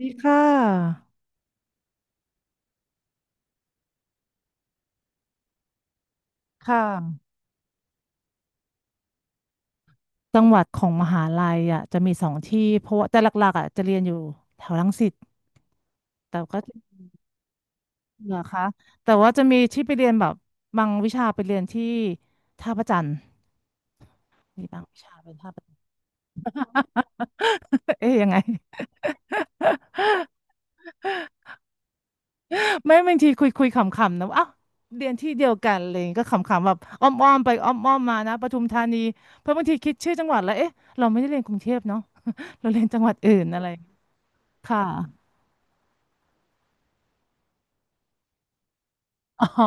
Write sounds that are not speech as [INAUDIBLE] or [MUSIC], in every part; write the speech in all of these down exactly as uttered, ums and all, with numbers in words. ดีค่ะค่ะจังหวัดของมหาลัยอ่ะจะมีสองที่ เพราะว่าแต่หลักๆอ่ะจะเรียนอยู่แถวรังสิตแต่ก็จะเหนือคะแต่ว่าจะมีที่ไปเรียนแบบบางวิชาไปเรียนที่ท่าพระจันทร์มีบางวิชาเป็นท่าพระจันทร์ [LAUGHS] เอ๊ยยังไงไม่บางทีคุยคุยขำๆนะว่าอ้าวเรียนที่เดียวกันอะไรอย่างเลยก็ขำๆแบบอ้อมๆไปอ้อมๆมานะปทุมธานีเพราะบางทีคิดชื่อจังหวัดแล้วเอ๊ะเราไม่ได้เรียนกรุงเทพเนาะ [LAUGHS] เราเรียนจังหวัดอื่นอะไรอย่างเงี้ยค่ะ อ๋อ [LAUGHS]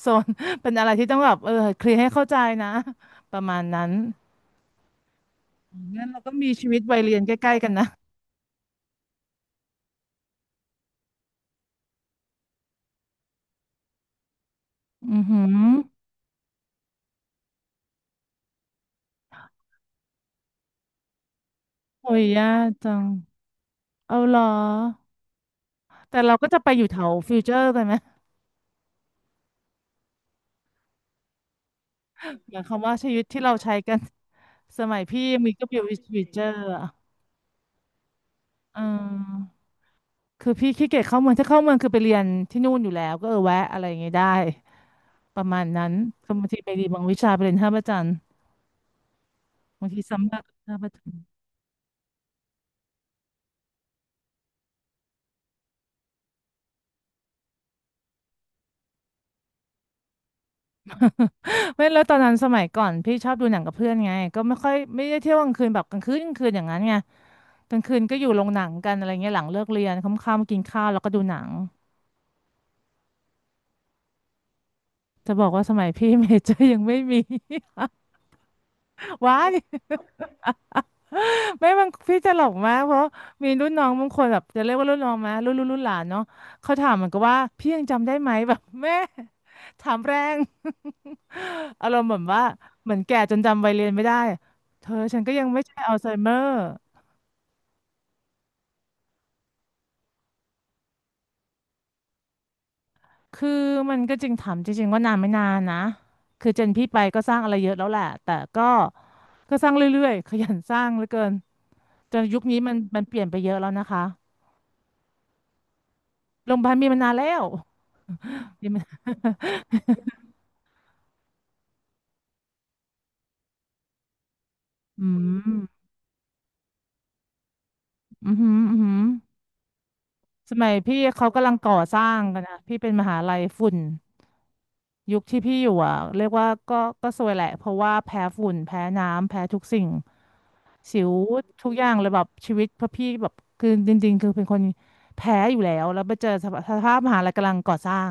โซนเป็นอะไรที่ต้องแบบเออเคลียร์ให้เข้าใจนะประมาณนั้นงั้นเราก็มีชีวิตวัยเรียนใกล้ๆกันนะอือหือโอ้ยยากจังเอาเหรอแต่เราก็จะไปอยู่แถวฟิวเจอร์กันไหม [LAUGHS] อย่างคำว่าชีวิตที่เราใช้กันสมัยพี่ัมีก็อยู่ฟิวเจอร์อ่ะเออคือพี่ขี้เกียจเข้าเมืองถ้าเข้าเมืองคือไปเรียนที่นู่นอยู่แล้วก็เออแวะอะไรอย่างเงี้ยได้ประมาณนั้นก็บางทีไปดีบางวิชาไปเรียนท่าพระจันทร์บางทีซ้ำหน้ากท่าพระจันทร์ ไม่แล้วตอนนั้นสมัยก่อนพี่ชอบดูหนังกับเพื่อนไงก็ไม่ค่อยไม่ได้เที่ยวกลางคืนแบบกลางคืนกลางคืนอย่างนั้นไงกลางคืนก็อยู่โรงหนังกันอะไรเงี้ยหลังเลิกเรียนค่ำๆกินข้าวแล้วก็ดูหนังจะบอกว่าสมัยพี่ [LAUGHS] เมเจอร์ยังไม่มี [LAUGHS] ว้ายไม่บางพี่จะหลอกมากเพราะมีรุ่นน้องบางคนแบบจะเรียกว่ารุ่นน้องไหมรุ่นรุ่นรุ่นหลานเนาะเขาถามเหมือนกับว่าพี่ยังจำได้ไหม [LAUGHS] แบบแม่ถามแรง [LAUGHS] อารมณ์เหมือนว่าเหมือนแก่จนจำวัยเรียนไม่ได้เธอฉันก็ยังไม่ใช่อัลไซเมอร์ คือมันก็จริงถามจริงๆว่านานไม่นานนะคือเจนพี่ไปก็สร้างอะไรเยอะแล้วแหละแต่ก็ก็สร้างเรื่อยๆขยันสร้างเหลือเกินจนยุคนี้มันมันเปลี่ยนไปเยอะแล้วนะคะโรงพยาบาลมีมานานแล้วมีมานานอืมอือหืออือหือสมัยพี่เขากำลังก่อสร้างกันนะพี่เป็นมหาลัยฝุ่นยุคที่พี่อยู่อ่ะเรียกว่าก็ก็ซวยแหละเพราะว่าแพ้ฝุ่นแพ้น้ำแพ้ทุกสิ่ง สิวทุกอย่างเลยแบบชีวิตเพราะพี่แบบคือจริงๆคือเป็นคนแพ้อยู่แล้วแล้วไปเจอสภาสภาพมหาลัยกำลังก่อสร้าง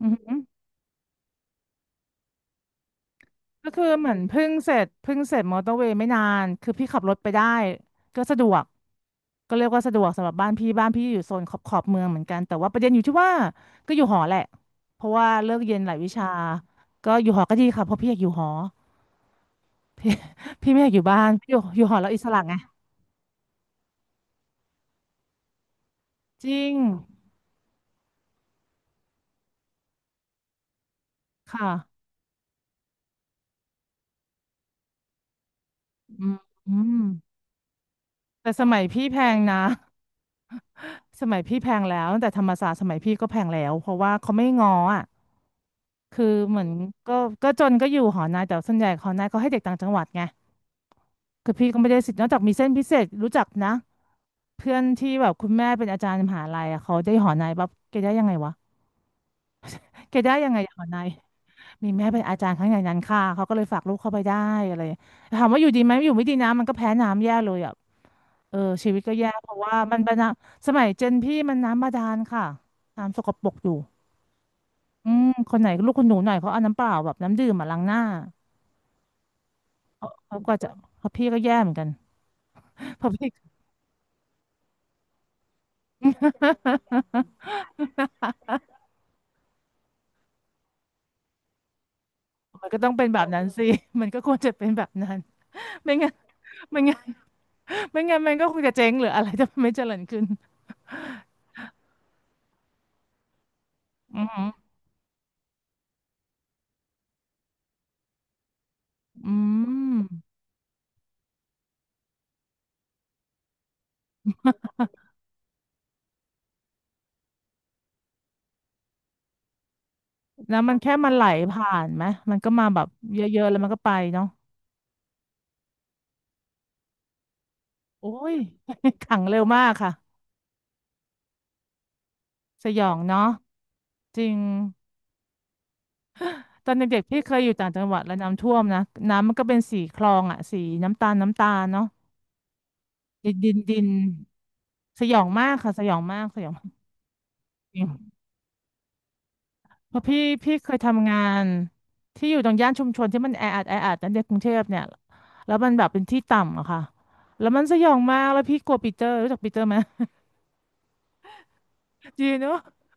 อือหือก็คือเหมือนเพิ่งเสร็จเพิ่งเสร็จมอเตอร์เวย์ไม่นานคือพี่ขับรถไปได้ก็สะดวกก็เรียกว่าสะดวกสำหรับบ้านพี่บ้านพี่อยู่โซนขอบขอบเมืองเหมือนกันแต่ว่าประเด็นอยู่ที่ว่าก็อยู่หอแหละเพราะว่าเลิกเรียนหลายวิชาก็อยู่หอก็ดีค่ะเพราะพี่อยากอยู่หอ [LAUGHS] พี่พี่ไม่อยากอยู่บ้านอยู่อยู่หอแล้วอิสระไงจริงค่ะอืม แต่สมัยพี่แพงนะ [LAUGHS] สมัยพี่แพงแล้วแต่ธรรมศาสตร์สมัยพี่ก็แพงแล้วเพราะว่าเขาไม่ง้ออ่ะคือเหมือนก็ก็จนก็อยู่หอนายแต่ส่วนใหญ่หอนายเขาให้เด็กต่างจังหวัดไงคือพี่ก็ไม่ได้สิทธิ์นอกจากมีเส้นพิเศษรู้จักนะเพื่อนที่แบบคุณแม่เป็นอาจารย์มหาลัยอะเขาได้หอนายปั๊บแกได้ยังไงวะแกได้ยังไงหอนาย มีแม่เป็นอาจารย์ข้างในนั้นค่ะเขาก็เลยฝากลูกเข้าไปได้อะไรถามว่าอยู่ดีไหมอยู่ไม่ดีนะมันก็แพ้น้ำแย่เลยอ่ะเออชีวิตก็แย่เพราะว่ามันเป็นน้ำสมัยเจนพี่มันน้ำบาดาลค่ะน้ำสกปรกอยู่ อืมคนไหนลูกคนหนูหน่อยเขาเอาน้ำเปล่าแบบน้ำดื่มมาล้างหน้าเขาก็จะเพราะพี่ก็แย่เหมือนกันเพราะพี่ [LAUGHS] มันก็ต้องเป็นแบบนั้นสิมันก็ควรจะเป็นแบบนั้นไม่งั้นไม่งั้นไม่งั้นมันก็คงจะเจ๊งหรืออะไรจะไม่เจริญขึ้นอืมอหืออืม แล้วมันแค่มันไหลผ่านไหมมันก็มาแบบเยอะๆแล้วมันก็ไปเนาะโอ้ย [LAUGHS] ขังเร็วมากค่ะสยองเนาะจริงตอนเด็กๆพี่เคยอยู่ต่างจังหวัดแล้วน้ำท่วมนะน้ำมันก็เป็นสีคลองอ่ะสีน้ำตาลน้ำตาลเนาะดินดินดินสยองมากค่ะสยองมากสยองจริงเพราะพี่พี่เคยทำงานที่อยู่ตรงย่านชุมชนที่มันแออัดแออัดนั่นในกรุงเทพเนี่ยแล้วมันแบบเป็นที่ต่ำอะค่ะแล้วมันสยองมากแล้วพี่กลัวปีเตอร์รู้จักปีเตอร์ไหม จีนเนอะ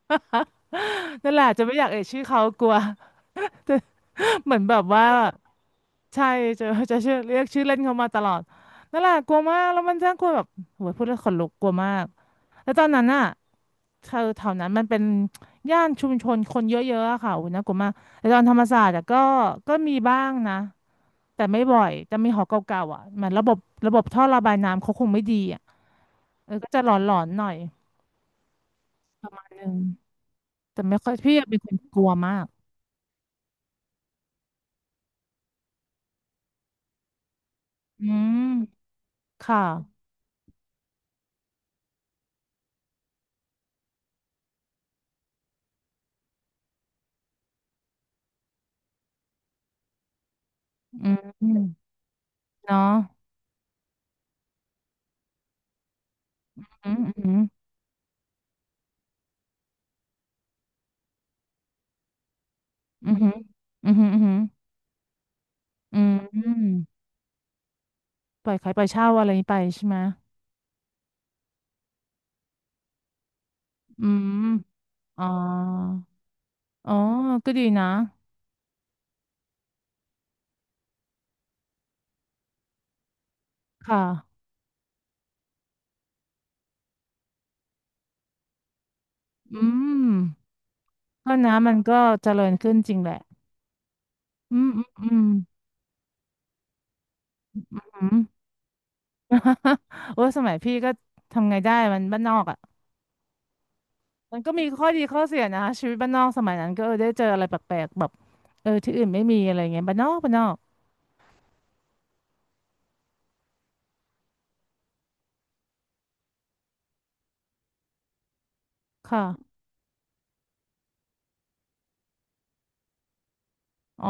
[LAUGHS] นั่นแหละจะไม่อยากเอ่ยชื่อเขากลัว [LAUGHS] เหมือนแบบว่าใช่จะจะชื่อเรียกชื่อเล่นเขามาตลอดนั่นแหละกลัวมากแล้วมันน่ากลัวแบบโหยพูดแล้วขนลุกกลัวมากแล้วตอนนั้นน่ะแถวแถวนั้นมันเป็นย่านชุมชนคนเยอะๆอะค่ะโอ้ยน่ากลัวมากแต่ตอนธรรมศาสตร์อะก็ก็มีบ้างนะแต่ไม่บ่อยแต่มีหอเก่าๆอ่ะเหมันระบบระบบท่อระบายน้ำเขาคงไม่ดีอ่ะเออก็จะหลอนๆหน่อยอืมแต่ไม่ค่อยพี่อะเป็นคนกลัวมากอืม ค่ะอืมเนาะอืมอืมอืมอืมอืมอืมอืมปล่อยขายปล่อยเช่าอะไรนี้ไปใช่ไหมอืมอ๋ออ๋อก็ดีนะค่ะอืมก็นะมันก็เจริญขึ้นจริงแหละอืมอืมอืมอืม [LAUGHS] โอ้สมัยพี่ก็ทำไงได้มันบ้านนอกอ่ะมันก็มีข้อดีข้อเสียนะชีวิตบ้านนอกสมัยนั้นก็เออได้เจออะไรแปลกๆแบบเออที่อื่นไม่มีอะไรเงี้ยบ้านนอกบ้านนอกค่ะ อ๋อ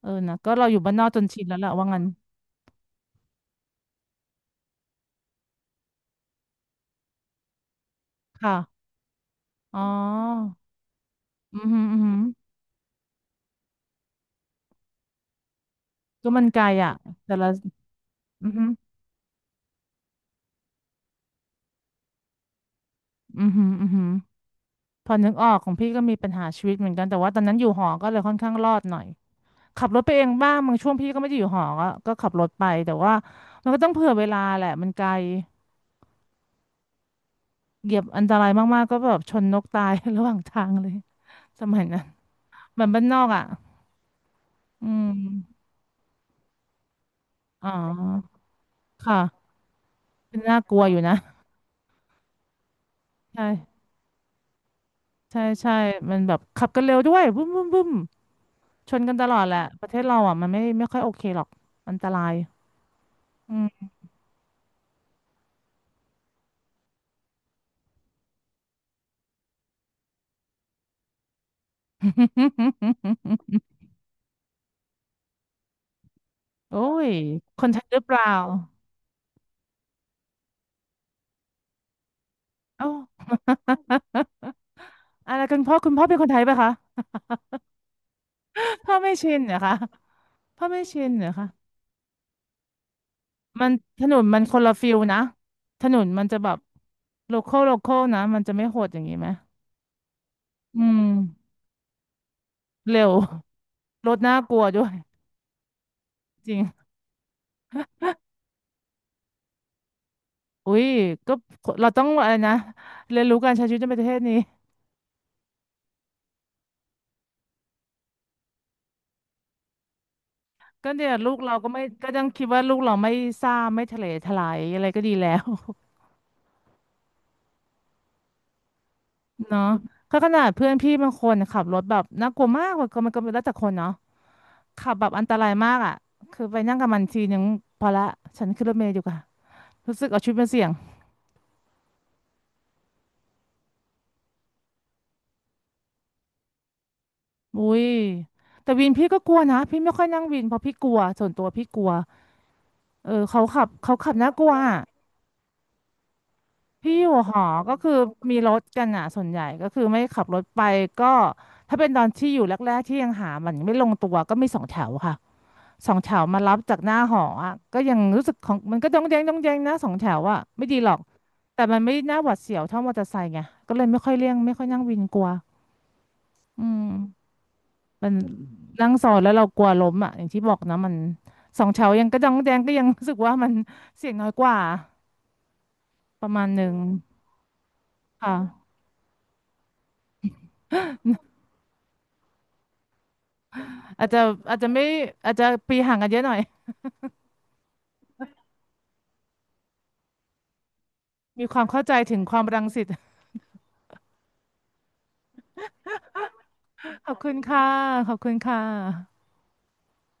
เออนะก็เราอยู่บ้านนอกจนชินแล้วแหละว่างั้นค่ะอ๋ออือหืออือหือก็มันไกลอ่ะแต่ละอือหืออือหืออือหือพอนึกออกของพี่ก็มีปัญหาชีวิตเหมือนกันแต่ว่าตอนนั้นอยู่หอก็เลยค่อนข้างรอดหน่อยขับรถไปเองบ้างบางช่วงพี่ก็ไม่ได้อยู่หอก็ก็ขับรถไปแต่ว่ามันก็ต้องเผื่อเวลาแหละมันไกลเหยียบอันตรายมากๆก็แบบชนนกตาย [LAUGHS] ระหว่างทางเลยสมัยนั้นเหมือนบ้านนอกอ่ะอืมอ๋อค่ะเป็นน่ากลัวอยู่นะ ใช่ใช่ใช่มันแบบขับกันเร็วด้วยบึ้มบึ้มบึ้มชนกันตลอดแหละประเทศเราอ่ะมันไม่ไม่ค่อยโอเคหรอกอันตรายอืม [LAUGHS] โอ้ยคนไทยหรือเปล่าเอ้า [LAUGHS] อะไรกันพ่อคุณพ่อเป็นคนไทยปะคะ [LAUGHS] พ่อไม่ชินเหรอคะพ่อไม่ชินเหรอคะมันถนนมันคนละฟิลนะถนนมันจะแบบโลคอลโลคอลนะมันจะไม่โหดอย่างนี้ไหมอืมเร็ว [LAUGHS] รถน่ากลัวด้วยจริง อุ้ยก็เราต้องอะไรนะเรียนรู้การใช้ชีวิตในประเทศนี้ก็เนี่ยลูกเราก็ไม่ก็ย้งคิดว่าลูกเราไม่ซ่าไม่ทะเลทลายอะไรก็ดีแล้ว [LAUGHS] เนาะก็ขนาดเพื่อนพี่บางคนขับรถแบบน่ากลัวมากมันก็มันก็แล้วแต่คนเนาะขับแบบอันตรายมากอ่ะคือไปนั่งกับมันทีนึงพอละฉันขึ้นรถเมล์ดีกว่ารู้สึกเอาชีวิตมาเสี่ยงอุ้ยแต่วินพี่ก็กลัวนะพี่ไม่ค่อยนั่งวินเพราะพี่กลัวส่วนตัวพี่กลัวเออเขาขับเขาขับน่ากลัว พี่อยู่หอก็คือมีรถกันอ่ะส่วนใหญ่ก็คือไม่ขับรถไปก็ถ้าเป็นตอนที่อยู่แรกๆที่ยังหามันไม่ลงตัวก็มีสองแถวค่ะสองแถวมารับจากหน้าหออ่ะก็ยังรู้สึกของมันก็จ้องแจงต้องแจงนะสองแถวอ่ะไม่ดีหรอกแต่มันไม่น่าหวาดเสียวเท่ามอเตอร์ไซค์ไงก็เลยไม่ค่อยเลี่ยงไม่ค่อยนั่งวินกลัวอืมมันนั่งซอยแล้วเรากลัวล้มอ่ะอย่างที่บอกนะมันสองแถวยังกระ้องแจงก็ยังรู้สึกว่ามันเสี่ยงน้อยกว่าประมาณหนึ่งค่ะ อาจจะอาจจะไม่อาจจะปีห่างกันเยอะหน่อยมีความเข้าใจถึงความรังสิต [LAUGHS] ขอบคุณค่ะขอบคุณค่ะ